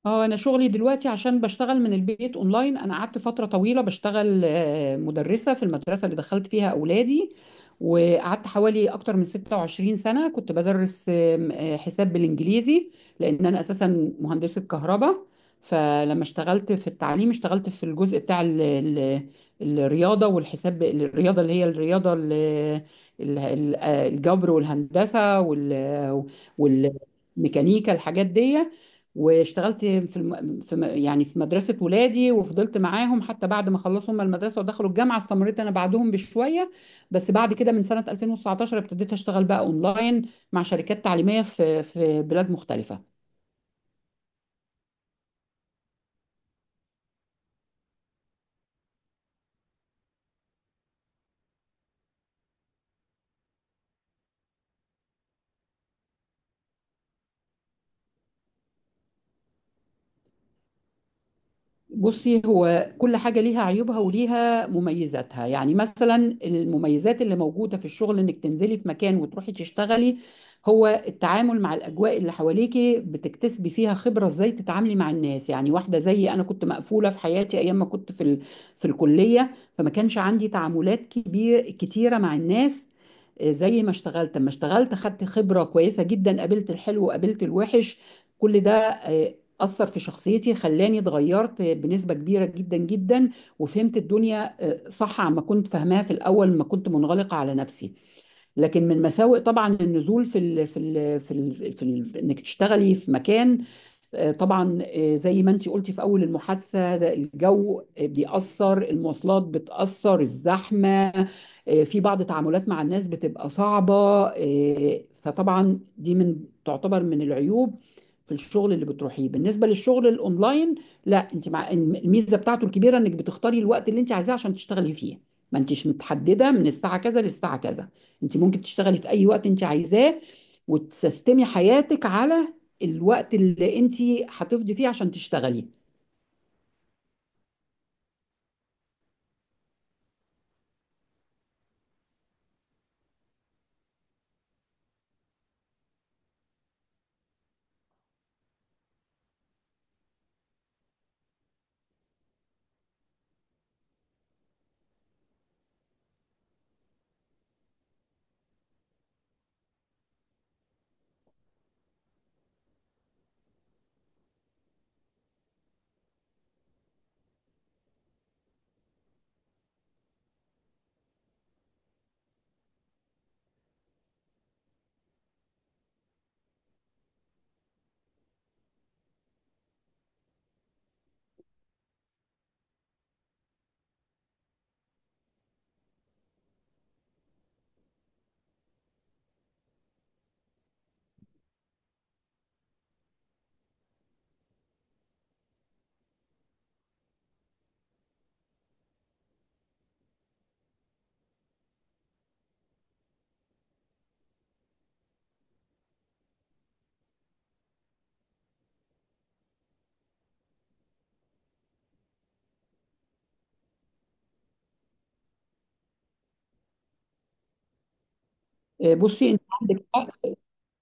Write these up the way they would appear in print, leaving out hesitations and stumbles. اه انا شغلي دلوقتي عشان بشتغل من البيت اونلاين. انا قعدت فتره طويله بشتغل مدرسه في المدرسه اللي دخلت فيها اولادي، وقعدت حوالي اكتر من 26 سنه كنت بدرس آم، آه، حساب بالانجليزي، لان انا اساسا مهندسه كهرباء. فلما اشتغلت في التعليم اشتغلت في الجزء بتاع ال الرياضه والحساب، الرياضه اللي هي الرياضه الجبر والهندسه والميكانيكا، الحاجات دي. واشتغلت في الم... في م- يعني في مدرسة ولادي، وفضلت معاهم حتى بعد ما خلصوا هم المدرسة ودخلوا الجامعة، استمريت أنا بعدهم بشوية. بس بعد كده من سنة 2019 ابتديت أشتغل بقى أونلاين مع شركات تعليمية في بلاد مختلفة. بصي، هو كل حاجة ليها عيوبها وليها مميزاتها. يعني مثلا المميزات اللي موجودة في الشغل انك تنزلي في مكان وتروحي تشتغلي، هو التعامل مع الأجواء اللي حواليكي، بتكتسبي فيها خبرة ازاي تتعاملي مع الناس. يعني واحدة زيي أنا كنت مقفولة في حياتي أيام ما كنت في الكلية، فما كانش عندي تعاملات كبير كتيرة مع الناس. زي ما اشتغلت، اما اشتغلت خدت خبرة كويسة جدا، قابلت الحلو وقابلت الوحش. كل ده أثر في شخصيتي، خلاني اتغيرت بنسبة كبيرة جدا جدا. وفهمت الدنيا صح عما كنت فاهماها في الأول ما كنت منغلقة على نفسي. لكن من مساوئ طبعا النزول في ال إنك تشتغلي في مكان، طبعا زي ما انت قلتي في اول المحادثه، ده الجو بيأثر، المواصلات بتأثر، الزحمه، في بعض تعاملات مع الناس بتبقى صعبه. فطبعا دي من تعتبر من العيوب في الشغل اللي بتروحيه. بالنسبه للشغل الاونلاين، لا، انت مع الميزه بتاعته الكبيره انك بتختاري الوقت اللي انت عايزاه عشان تشتغلي فيه، ما انتش متحدده من الساعه كذا للساعه كذا، انت ممكن تشتغلي في اي وقت انت عايزاه، وتسيستمي حياتك على الوقت اللي انت هتفضي فيه عشان تشتغلي. بصي، انت عندك حق.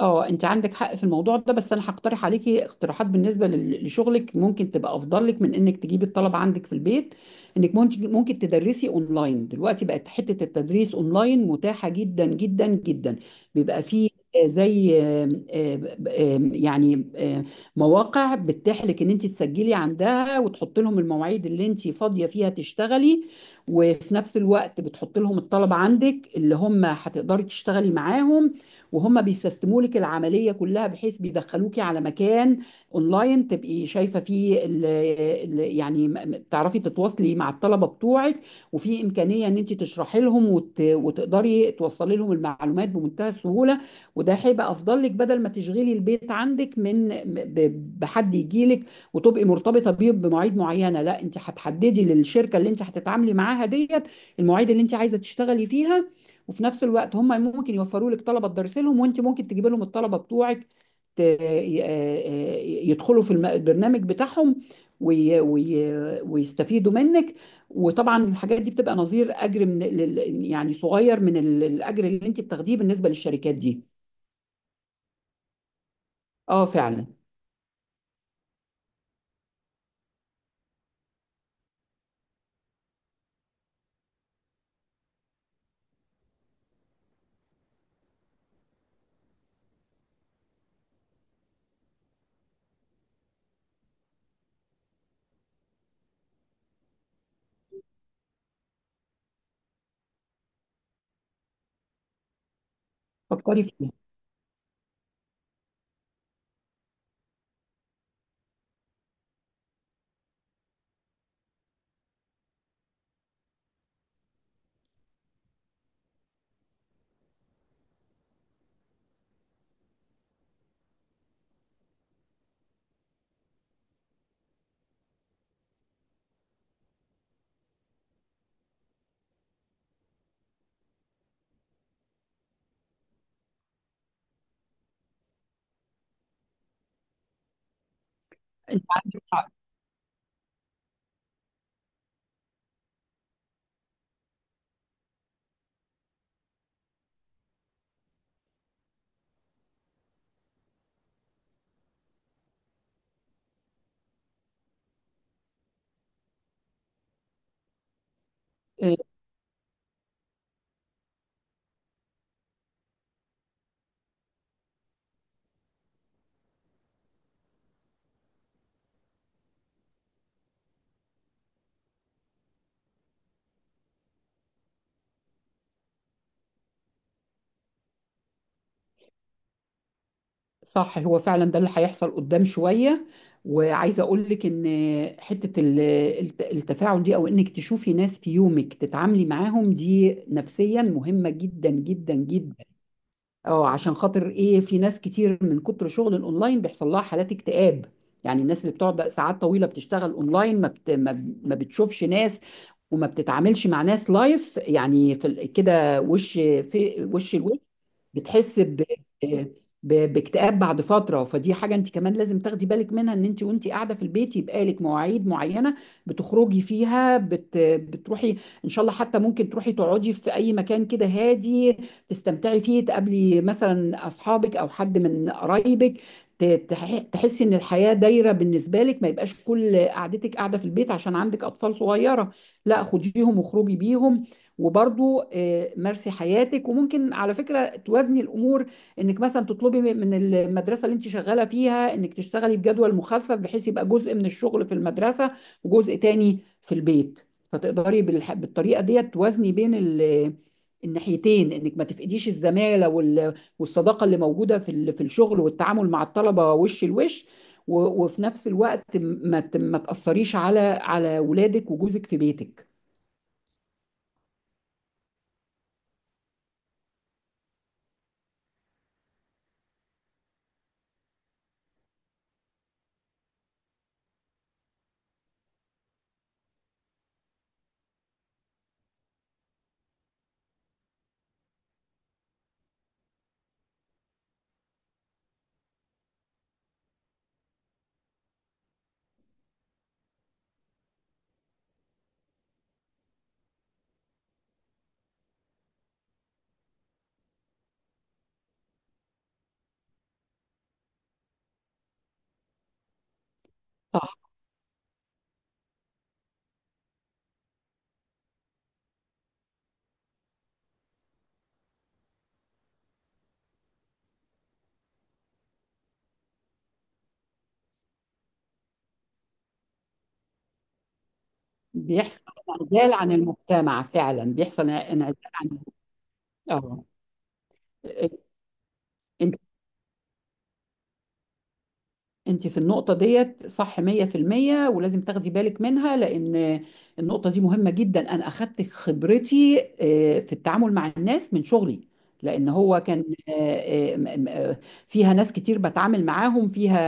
اه انت عندك حق في الموضوع ده، بس انا هقترح عليكي اقتراحات بالنسبه لشغلك، ممكن تبقى افضل لك من انك تجيبي الطلبه عندك في البيت. انك ممكن تدرسي اونلاين، دلوقتي بقت حته التدريس اونلاين متاحه جدا جدا جدا. بيبقى فيه آه، زي آم، آم، آم، يعني آم، مواقع بتتيح لك ان انت تسجلي عندها وتحط لهم المواعيد اللي انت فاضيه فيها تشتغلي، وفي نفس الوقت بتحط لهم الطلبه عندك اللي هم هتقدري تشتغلي معاهم، وهم بيسيستموا لك العمليه كلها، بحيث بيدخلوكي على مكان اونلاين تبقي شايفه فيه ال يعني تعرفي تتواصلي مع الطلبه بتوعك، وفي امكانيه ان انت تشرحي لهم وتقدري توصلي لهم المعلومات بمنتهى السهوله. وده هيبقى افضل لك بدل ما تشغلي البيت عندك من بحد يجي لك وتبقي مرتبطه بيه بمواعيد معينه. لا، انت هتحددي للشركه اللي انت هتتعاملي معاها ديت المواعيد اللي انت عايزه تشتغلي فيها، وفي نفس الوقت هم ممكن يوفروا لك طلبه تدرسي لهم، وانت ممكن تجيبي لهم الطلبه بتوعك ت- ي- آه، يدخلوا في البرنامج بتاعهم وي وي ويستفيدوا منك. وطبعا الحاجات دي بتبقى نظير اجر يعني صغير من الاجر اللي انت بتاخديه بالنسبه للشركات دي. اه فعلا، فكري فيها. انت عندك حق. آه، صح، هو فعلا ده اللي هيحصل قدام شوية. وعايزة أقول لك إن حتة التفاعل دي، أو إنك تشوفي ناس في يومك تتعاملي معاهم، دي نفسيا مهمة جدا جدا جدا. اه عشان خاطر ايه، في ناس كتير من كتر شغل الاونلاين بيحصل لها حالات اكتئاب. يعني الناس اللي بتقعد ساعات طويله بتشتغل اونلاين ما بت... ما ما بتشوفش ناس، وما بتتعاملش مع ناس لايف، يعني في كده وش في وش، الوش، بتحس ب... ب... باكتئاب بعد فتره. فدي حاجه انت كمان لازم تاخدي بالك منها، ان انت وانت قاعده في البيت يبقى لك مواعيد معينه بتخرجي فيها، بتروحي ان شاء الله، حتى ممكن تروحي تقعدي في اي مكان كده هادي، تستمتعي فيه، تقابلي مثلا اصحابك او حد من قرايبك، ت- تحسي ان الحياه دايره بالنسبه لك، ما يبقاش كل قعدتك قاعده في البيت عشان عندك اطفال صغيره. لا، خديهم وخرجي بيهم، وبرضو مارسي حياتك. وممكن على فكره توازني الامور، انك مثلا تطلبي من المدرسه اللي انت شغاله فيها انك تشتغلي بجدول مخفف، بحيث يبقى جزء من الشغل في المدرسه وجزء تاني في البيت. فتقدري بالطريقه ديت توازني بين الناحيتين، انك ما تفقديش الزماله والصداقه اللي موجوده في في الشغل والتعامل مع الطلبه وش لوش، وفي نفس الوقت ما تاثريش على ولادك وجوزك في بيتك. صح. بيحصل انعزال عن المجتمع، فعلا بيحصل انعزال عن. اه انت انت في النقطة ديت صح 100%، ولازم تاخدي بالك منها، لأن النقطة دي مهمة جدا. أنا أخدت خبرتي في التعامل مع الناس من شغلي، لأن هو كان آه، آه، م- م- آه، فيها ناس كتير بتعامل معاهم فيها،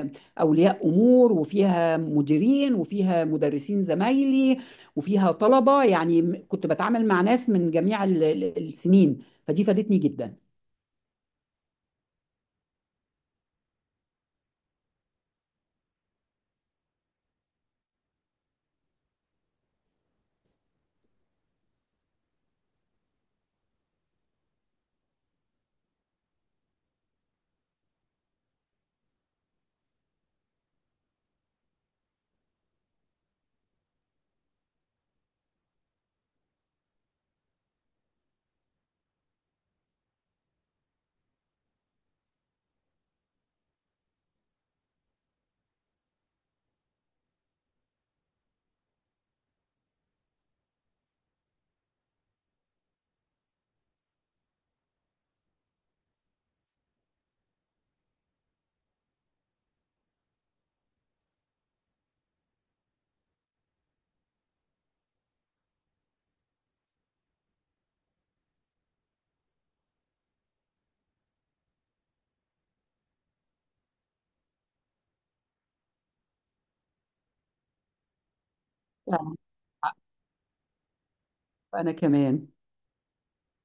آه، أولياء أمور، وفيها مديرين، وفيها مدرسين زمايلي، وفيها طلبة، يعني كنت بتعامل مع ناس من جميع السنين، فدي فادتني جدا. آه، أنا كمان.